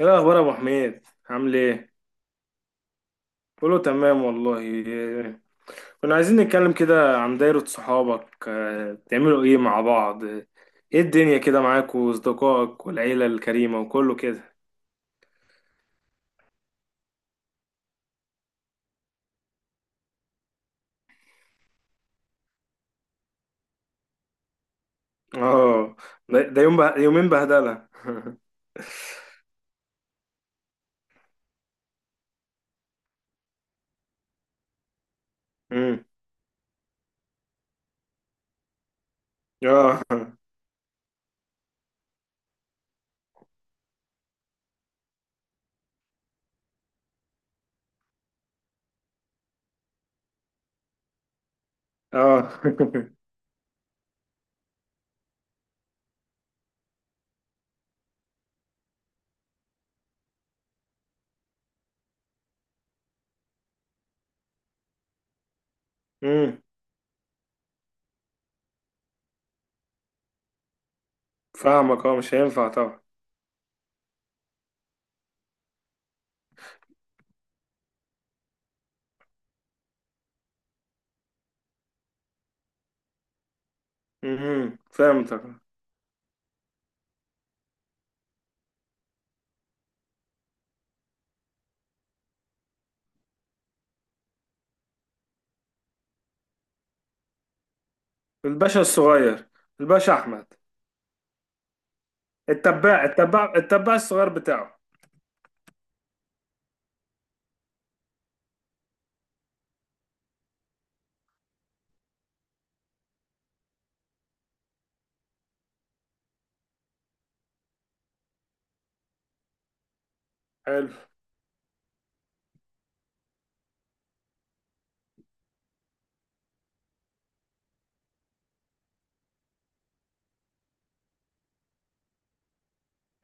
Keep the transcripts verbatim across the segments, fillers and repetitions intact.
ايه الاخبار يا ابو حميد؟ عامل ايه؟ كله تمام والله. إيه، كنا عايزين نتكلم كده عن دايرة صحابك. آه، بتعملوا ايه مع بعض؟ ايه الدنيا كده معاك واصدقائك والعيلة الكريمة وكله كده. اه. ده ده يوم به... يومين بهدلة أمم، اه. اه. أمم، فاهمك، اه مش هينفع طبعا. أمم، فهمتك. الباشا الصغير، الباشا احمد. التباع التباع التباع الصغير بتاعه. حلو.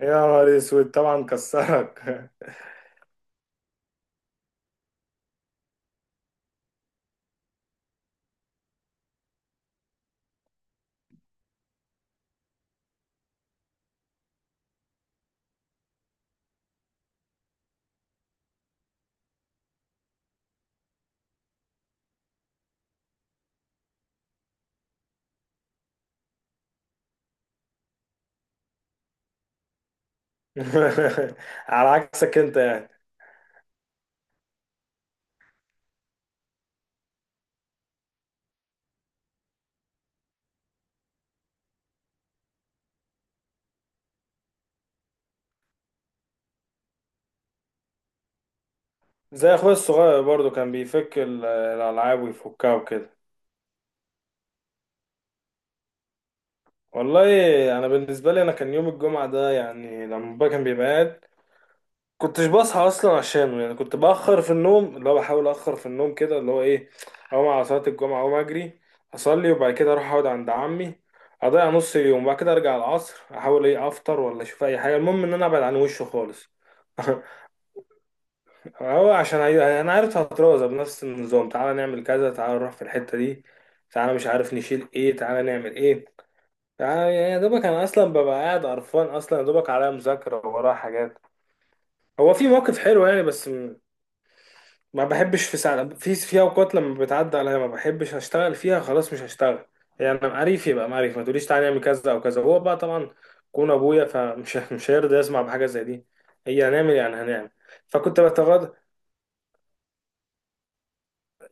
يا نهار اسود، طبعا كسرك. على عكسك انت يعني. زي اخويا الصغير برضو كان بيفك ال- الالعاب ويفكها وكده. والله انا بالنسبه لي انا، كان يوم الجمعه ده يعني لما بابا كان بيبقى قاعد كنتش بصحى اصلا عشانه، يعني كنت باخر في النوم، اللي هو بحاول اخر في النوم كده، اللي هو ايه، اقوم على صلاه الجمعه، اقوم اجري اصلي، وبعد كده اروح اقعد عند عمي، اضيع نص اليوم، بعد كده ارجع العصر احاول ايه افطر ولا اشوف اي حاجه، المهم ان انا ابعد عن وشه خالص. هو عشان عاي- انا عارف هترازة بنفس النظام: تعالى نعمل كذا، تعالى نروح في الحتة دي، تعالى مش عارف نشيل ايه، تعالى نعمل ايه، تعالى. يا دوبك انا اصلا ببقى قاعد قرفان، اصلا يا دوبك عليا مذاكرة ورايا حاجات. هو في موقف حلو يعني، بس م- ما بحبش، في ساعة، في في اوقات لما بتعدي عليا ما بحبش اشتغل فيها، خلاص مش هشتغل يعني. انا معرف، يبقى معرف، ما تقوليش تعالى نعمل كذا او كذا. هو بقى طبعا كون ابويا، فمش مش هيرضى يسمع بحاجة زي دي. هي هنعمل إيه؟ يعني هنعمل. فكنت بتغاضى.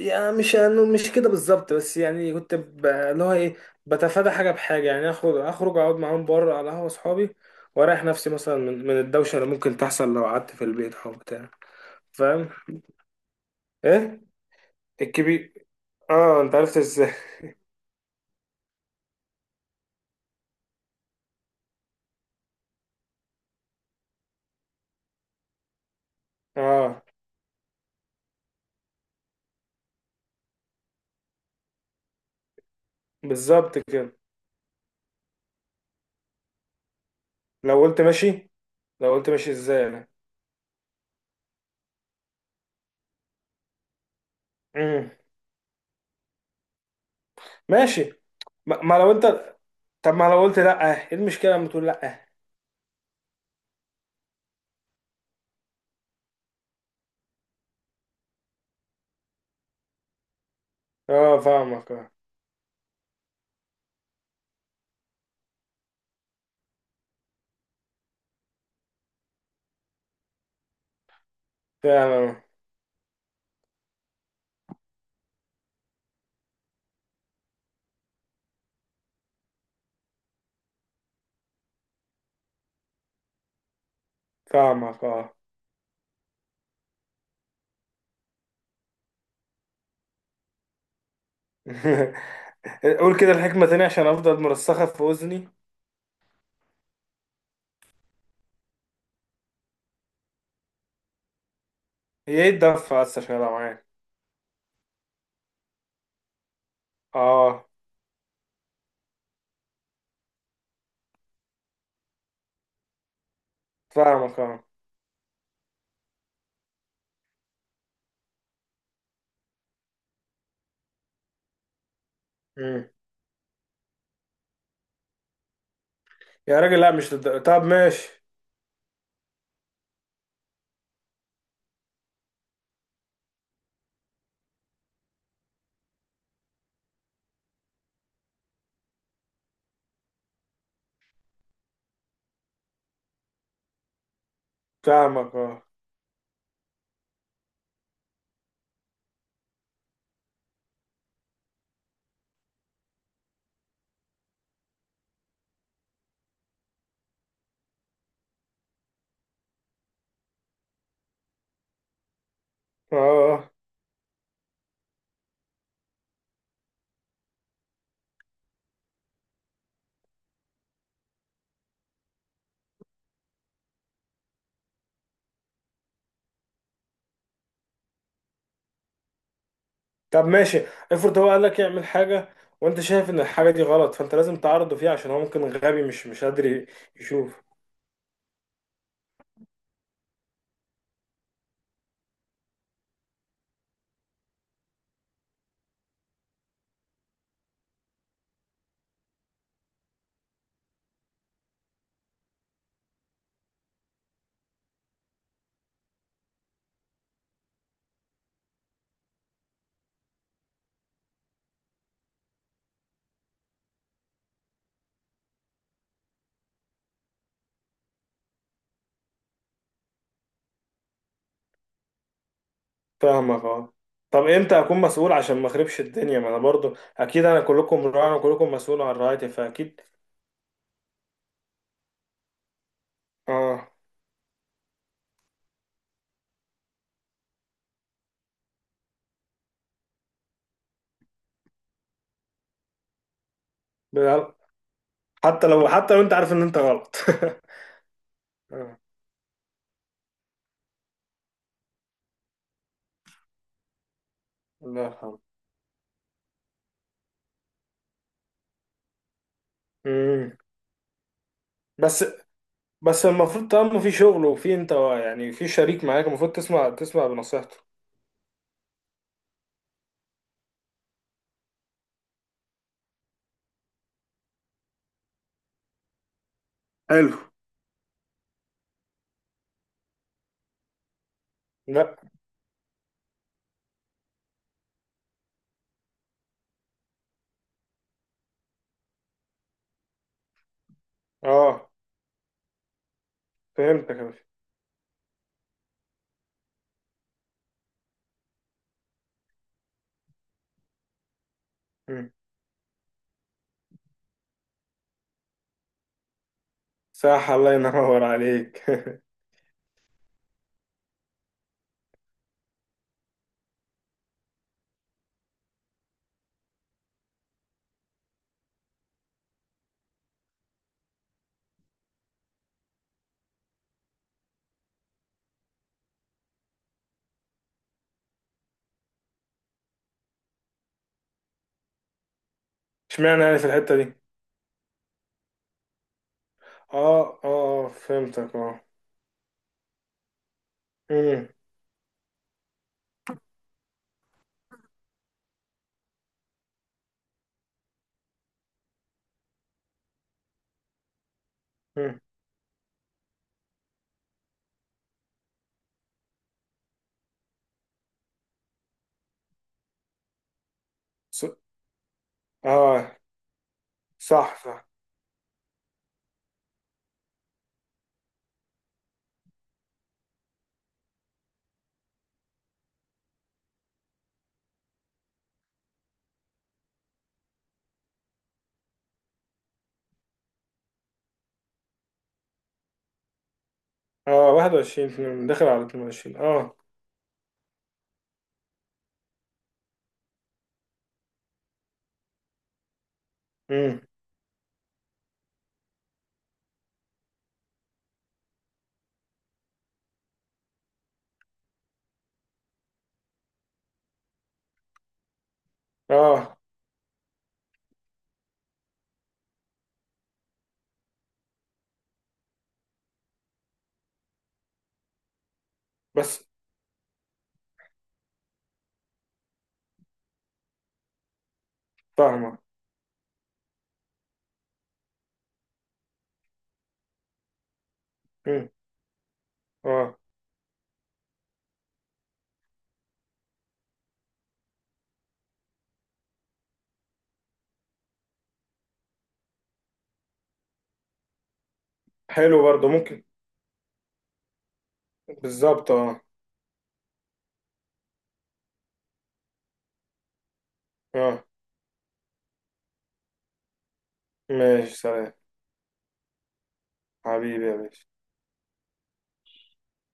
يعني مش انه مش كده بالظبط، بس يعني كنت ب- اللي هو ايه، بتفادى حاجه بحاجه، يعني اخرج، اخرج اقعد معاهم بره على قهوه اصحابي واريح نفسي مثلا من, من, الدوشه اللي ممكن تحصل لو قعدت في البيت او بتاع. فاهم. ايه. الكبير. اه انت عرفت ازاي؟ اه، بالظبط كده. لو قلت ماشي، لو قلت ماشي، ازاي انا؟ امم. ماشي. ما ما لو انت، طب ما لو قلت لا، ايه المشكله لما تقول لا؟ اه فاهمك اه. فاهم. فاهمك اه. قول كده الحكمة تاني عشان أفضل مرسخة في أذني. هي إيه الدفة بس عشان أبقى معاك؟ آه. فاهمك آه. مم. يا راجل لا، مش للد... طب ماشي. فاهمك آه. آه. آه. طب ماشي، افرض هو قالك يعمل حاجة وأنت شايف إن الحاجة دي غلط، فأنت لازم تعرضه فيها عشان هو ممكن غبي، مش مش قادر ي- يشوف. فاهمك آه. طب امتى اكون مسؤول عشان ما اخربش الدنيا؟ ما انا برضو اكيد، انا كلكم راعي وكلكم مسؤول عن رعايتي، فاكيد. اه. بال- حتى لو، حتى لو انت عارف ان انت غلط. الله يرحمه. امم. بس بس المفروض طالما في شغل وفي انت، يعني في شريك معاك، المفروض تسمع، تسمع بنصيحته. حلو. لا. اه فهمتك يا باشا. مم. صح، الله ينور عليك. اشمعنى يعني في الحتة دي؟ اه. اه. آه، فهمتك اه. مم. مم. ص... اه. صح صح. اه، واحد وعشرين، اتنين، داخل على اتنين وعشرين اه. مم. اه. بس. فاهمة. مم. اه. حلو برضو ممكن. بالظبط اه. اه ماشي سلام. حبيبي يا باشا.